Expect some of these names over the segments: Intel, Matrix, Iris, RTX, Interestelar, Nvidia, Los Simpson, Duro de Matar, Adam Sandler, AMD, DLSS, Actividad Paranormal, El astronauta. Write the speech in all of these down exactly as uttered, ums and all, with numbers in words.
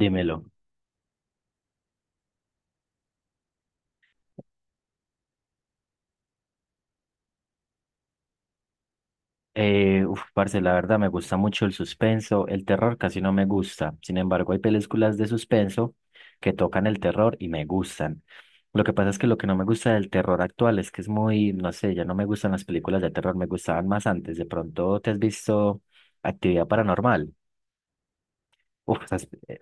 Dímelo. Eh, uf, parce, la verdad me gusta mucho el suspenso, el terror casi no me gusta. Sin embargo, hay películas de suspenso que tocan el terror y me gustan. Lo que pasa es que lo que no me gusta del terror actual es que es muy, no sé, ya no me gustan las películas de terror, me gustaban más antes. ¿De pronto te has visto Actividad Paranormal? Uf, esas- e-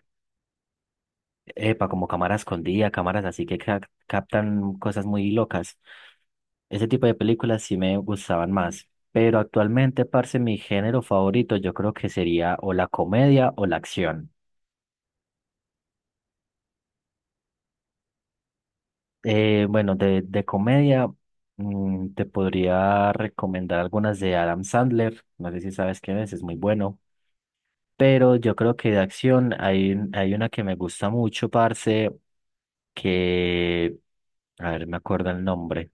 epa, como cámaras escondida, cámaras así que ca- captan cosas muy locas. Ese tipo de películas sí me gustaban más, pero actualmente, parce, mi género favorito yo creo que sería o la comedia o la acción. Eh, bueno, de, de comedia mm, te podría recomendar algunas de Adam Sandler, no sé si sabes quién es, es muy bueno, pero yo creo que de acción hay, un- hay una que me gusta mucho, parce, que, a ver, me acuerdo el nombre.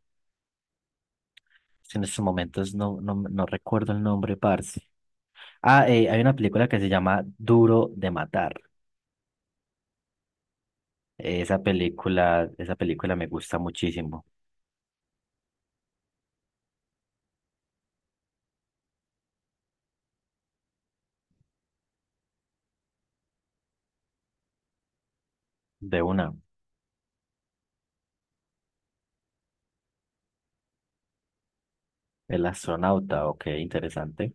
Es que en estos momentos no, no, no recuerdo el nombre, parce. Ah, eh, hay una película que se llama Duro de Matar. Esa película, esa película me gusta muchísimo. De una. El astronauta, ok, interesante,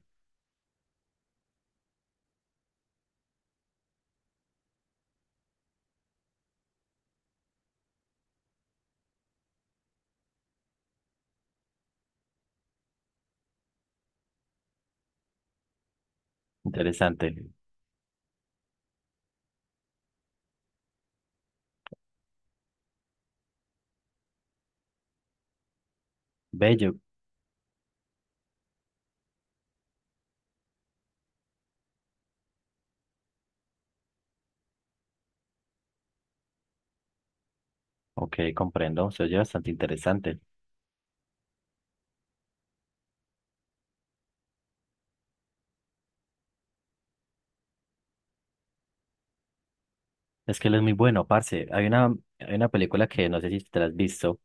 interesante. Bello, ok, comprendo, se oye bastante interesante. Es que él es muy bueno, parce. Hay una, hay una película que no sé si te la has visto,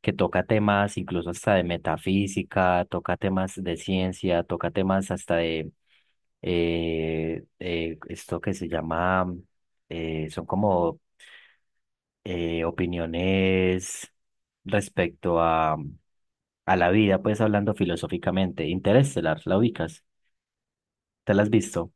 que toca temas incluso hasta de metafísica, toca temas de ciencia, toca temas hasta de eh, eh, esto que se llama, eh, son como eh, opiniones respecto a, a la vida, pues hablando filosóficamente. Interestelar, ¿la ubicas? ¿Te la has visto?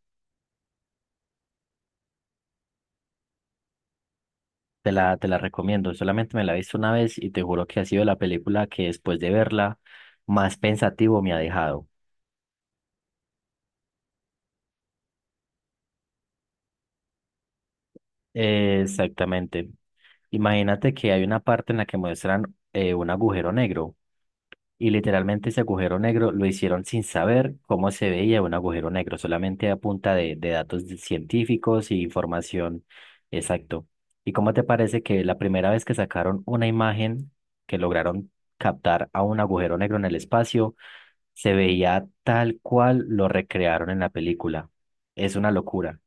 Te la, te la recomiendo. Solamente me la he visto una vez y te juro que ha sido la película que después de verla más pensativo me ha dejado. Eh, exactamente. Imagínate que hay una parte en la que muestran eh, un agujero negro. Y literalmente ese agujero negro lo hicieron sin saber cómo se veía un agujero negro, solamente a punta de, de datos de- científicos y información exacto. ¿Y cómo te parece que la primera vez que sacaron una imagen que lograron captar a un agujero negro en el espacio, se veía tal cual lo recrearon en la película? Es una locura.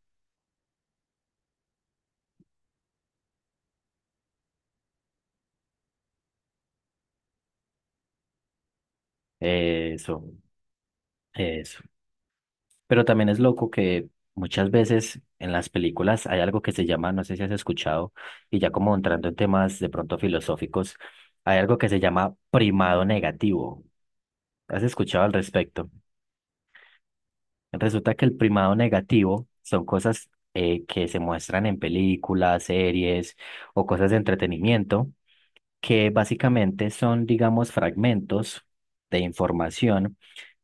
Eso, eso. Pero también es loco que muchas veces en las películas hay algo que se llama, no sé si has escuchado, y ya como entrando en temas de pronto filosóficos, hay algo que se llama primado negativo. ¿Has escuchado al respecto? Resulta que el primado negativo son cosas eh, que se muestran en películas, series o cosas de entretenimiento, que básicamente son, digamos, fragmentos de información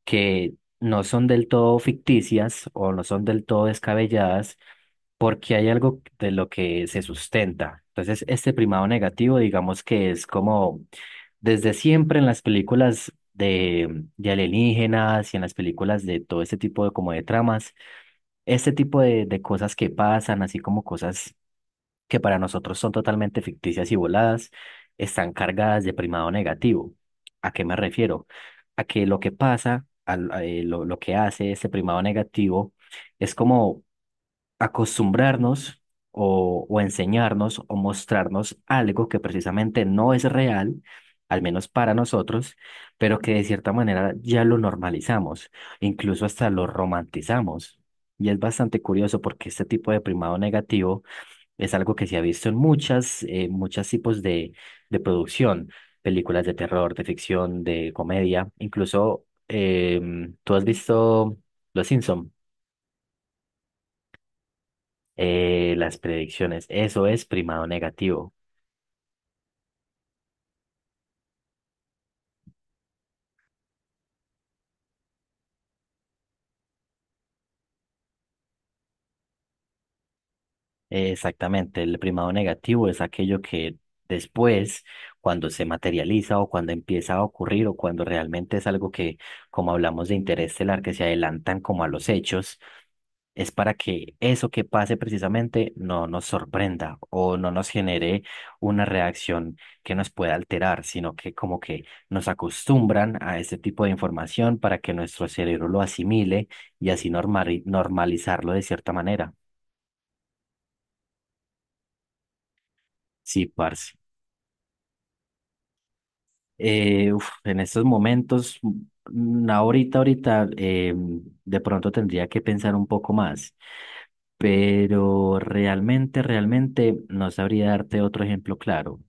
que no son del todo ficticias o no son del todo descabelladas porque hay algo de lo que se sustenta. Entonces, este primado negativo, digamos que es como desde siempre en las películas de, de alienígenas y en las películas de todo este tipo de como de tramas, este tipo de, de cosas que pasan, así como cosas que para nosotros son totalmente ficticias y voladas, están cargadas de primado negativo. ¿A qué me refiero? A que lo que pasa, al- a, eh, lo, lo que hace este primado negativo, es como acostumbrarnos o, o enseñarnos o mostrarnos algo que precisamente no es real, al menos para nosotros, pero que de cierta manera ya lo normalizamos, incluso hasta lo romantizamos. Y es bastante curioso porque este tipo de primado negativo es algo que se ha visto en muchas, eh, muchos tipos de, de producción, películas de terror, de ficción, de comedia, incluso em, tú has visto Los Simpson. Eh, las predicciones, eso es primado negativo. Eh, Exactamente, el primado negativo es aquello que después, cuando se materializa o cuando empieza a ocurrir o cuando realmente es algo que, como hablamos de interés estelar, que se adelantan como a los hechos, es para que eso que pase precisamente no nos sorprenda o no nos genere una reacción que nos pueda alterar, sino que como que nos acostumbran a ese tipo de información para que nuestro cerebro lo asimile y así normali- normalizarlo de cierta manera. Sí, parce. Eh, uf, en estos momentos, mm, ahorita, ahorita, eh, de pronto tendría que pensar un poco más. Pero realmente, realmente no sabría darte otro ejemplo claro.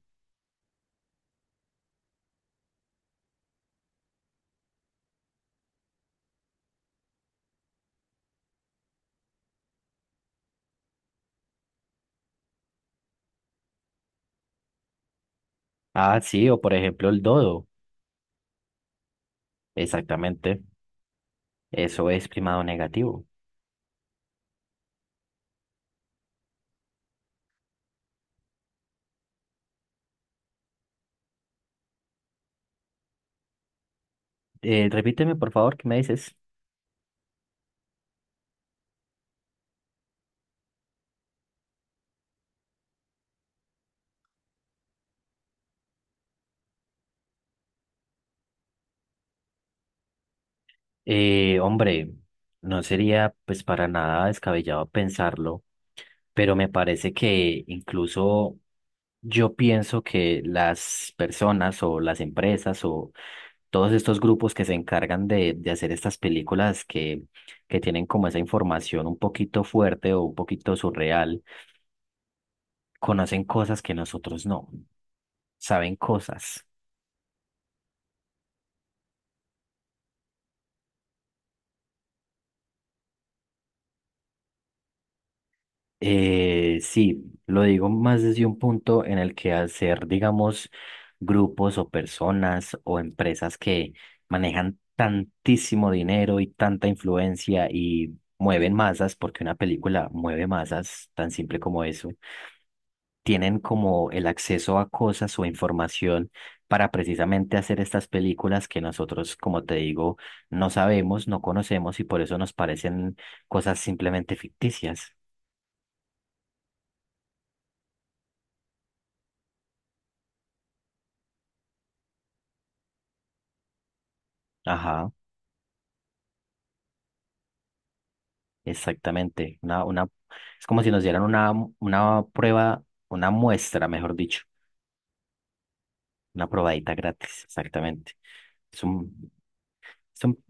Ah, sí, o por ejemplo el dodo. Exactamente. Eso es primado negativo. Eh, repíteme, por favor, ¿qué me dices? Eh, hombre, no sería pues para nada descabellado pensarlo, pero me parece que incluso yo pienso que las personas o las empresas o todos estos grupos que se encargan de, de hacer estas películas que, que tienen como esa información un poquito fuerte o un poquito surreal, conocen cosas que nosotros no, saben cosas. Eh, sí, lo digo más desde un punto en el que hacer, digamos, grupos o personas o empresas que manejan tantísimo dinero y tanta influencia y mueven masas, porque una película mueve masas, tan simple como eso, tienen como el acceso a cosas o información para precisamente hacer estas películas que nosotros, como te digo, no sabemos, no conocemos y por eso nos parecen cosas simplemente ficticias. Ajá. Exactamente, una, una, es como si nos dieran una, una prueba, una muestra, mejor dicho, una probadita gratis, exactamente. Es un, es un.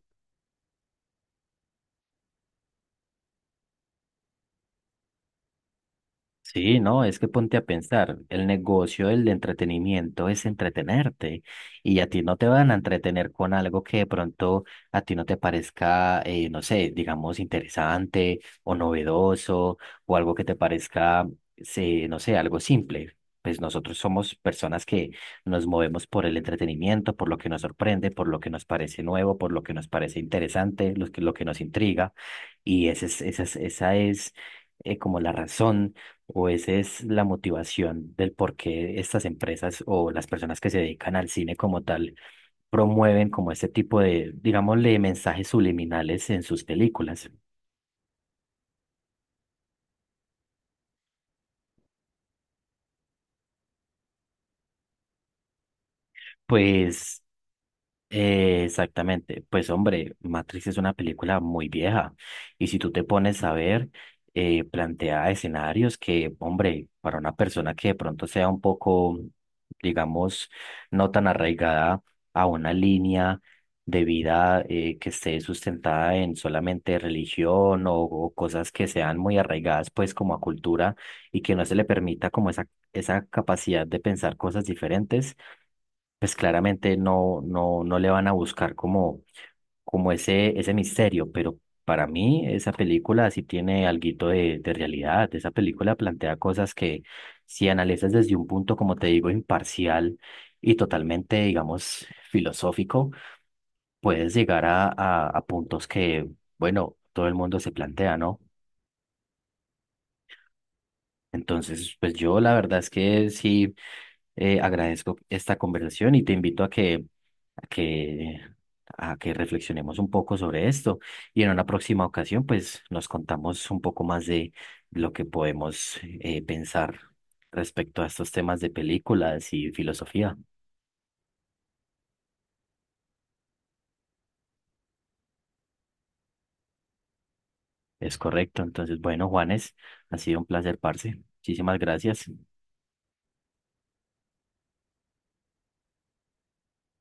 Sí, no, es que ponte a pensar, el negocio del entretenimiento es entretenerte y a ti no te van a entretener con algo que de pronto a ti no te parezca, eh, no sé, digamos, interesante o novedoso o algo que te parezca, se- no sé, algo simple. Pues nosotros somos personas que nos movemos por el entretenimiento, por lo que nos sorprende, por lo que nos parece nuevo, por lo que nos parece interesante, lo que, lo que nos intriga y esa es, esa es, esa es eh, como la razón o esa es la motivación del por qué estas empresas o las personas que se dedican al cine como tal promueven como este tipo de, digámosle, mensajes subliminales en sus películas. Pues Eh, exactamente. Pues hombre, Matrix es una película muy vieja y si tú te pones a ver, eh, plantea escenarios que, hombre, para una persona que de pronto sea un poco, digamos, no tan arraigada a una línea de vida eh, que esté sustentada en solamente religión o, o cosas que sean muy arraigadas pues como a cultura y que no se le permita como esa, esa capacidad de pensar cosas diferentes pues claramente no, no, no le van a buscar como, como ese, ese misterio, pero para mí esa película sí tiene alguito de, de realidad. Esa película plantea cosas que si analizas desde un punto, como te digo, imparcial y totalmente, digamos, filosófico, puedes llegar a, a, a puntos que, bueno, todo el mundo se plantea, ¿no? Entonces, pues yo la verdad es que sí. Eh, agradezco esta conversación y te invito a que, a que, a que reflexionemos un poco sobre esto y en una próxima ocasión pues nos contamos un poco más de lo que podemos eh, pensar respecto a estos temas de películas y filosofía. Es correcto. Entonces, bueno, Juanes, ha sido un placer, parce. Muchísimas gracias.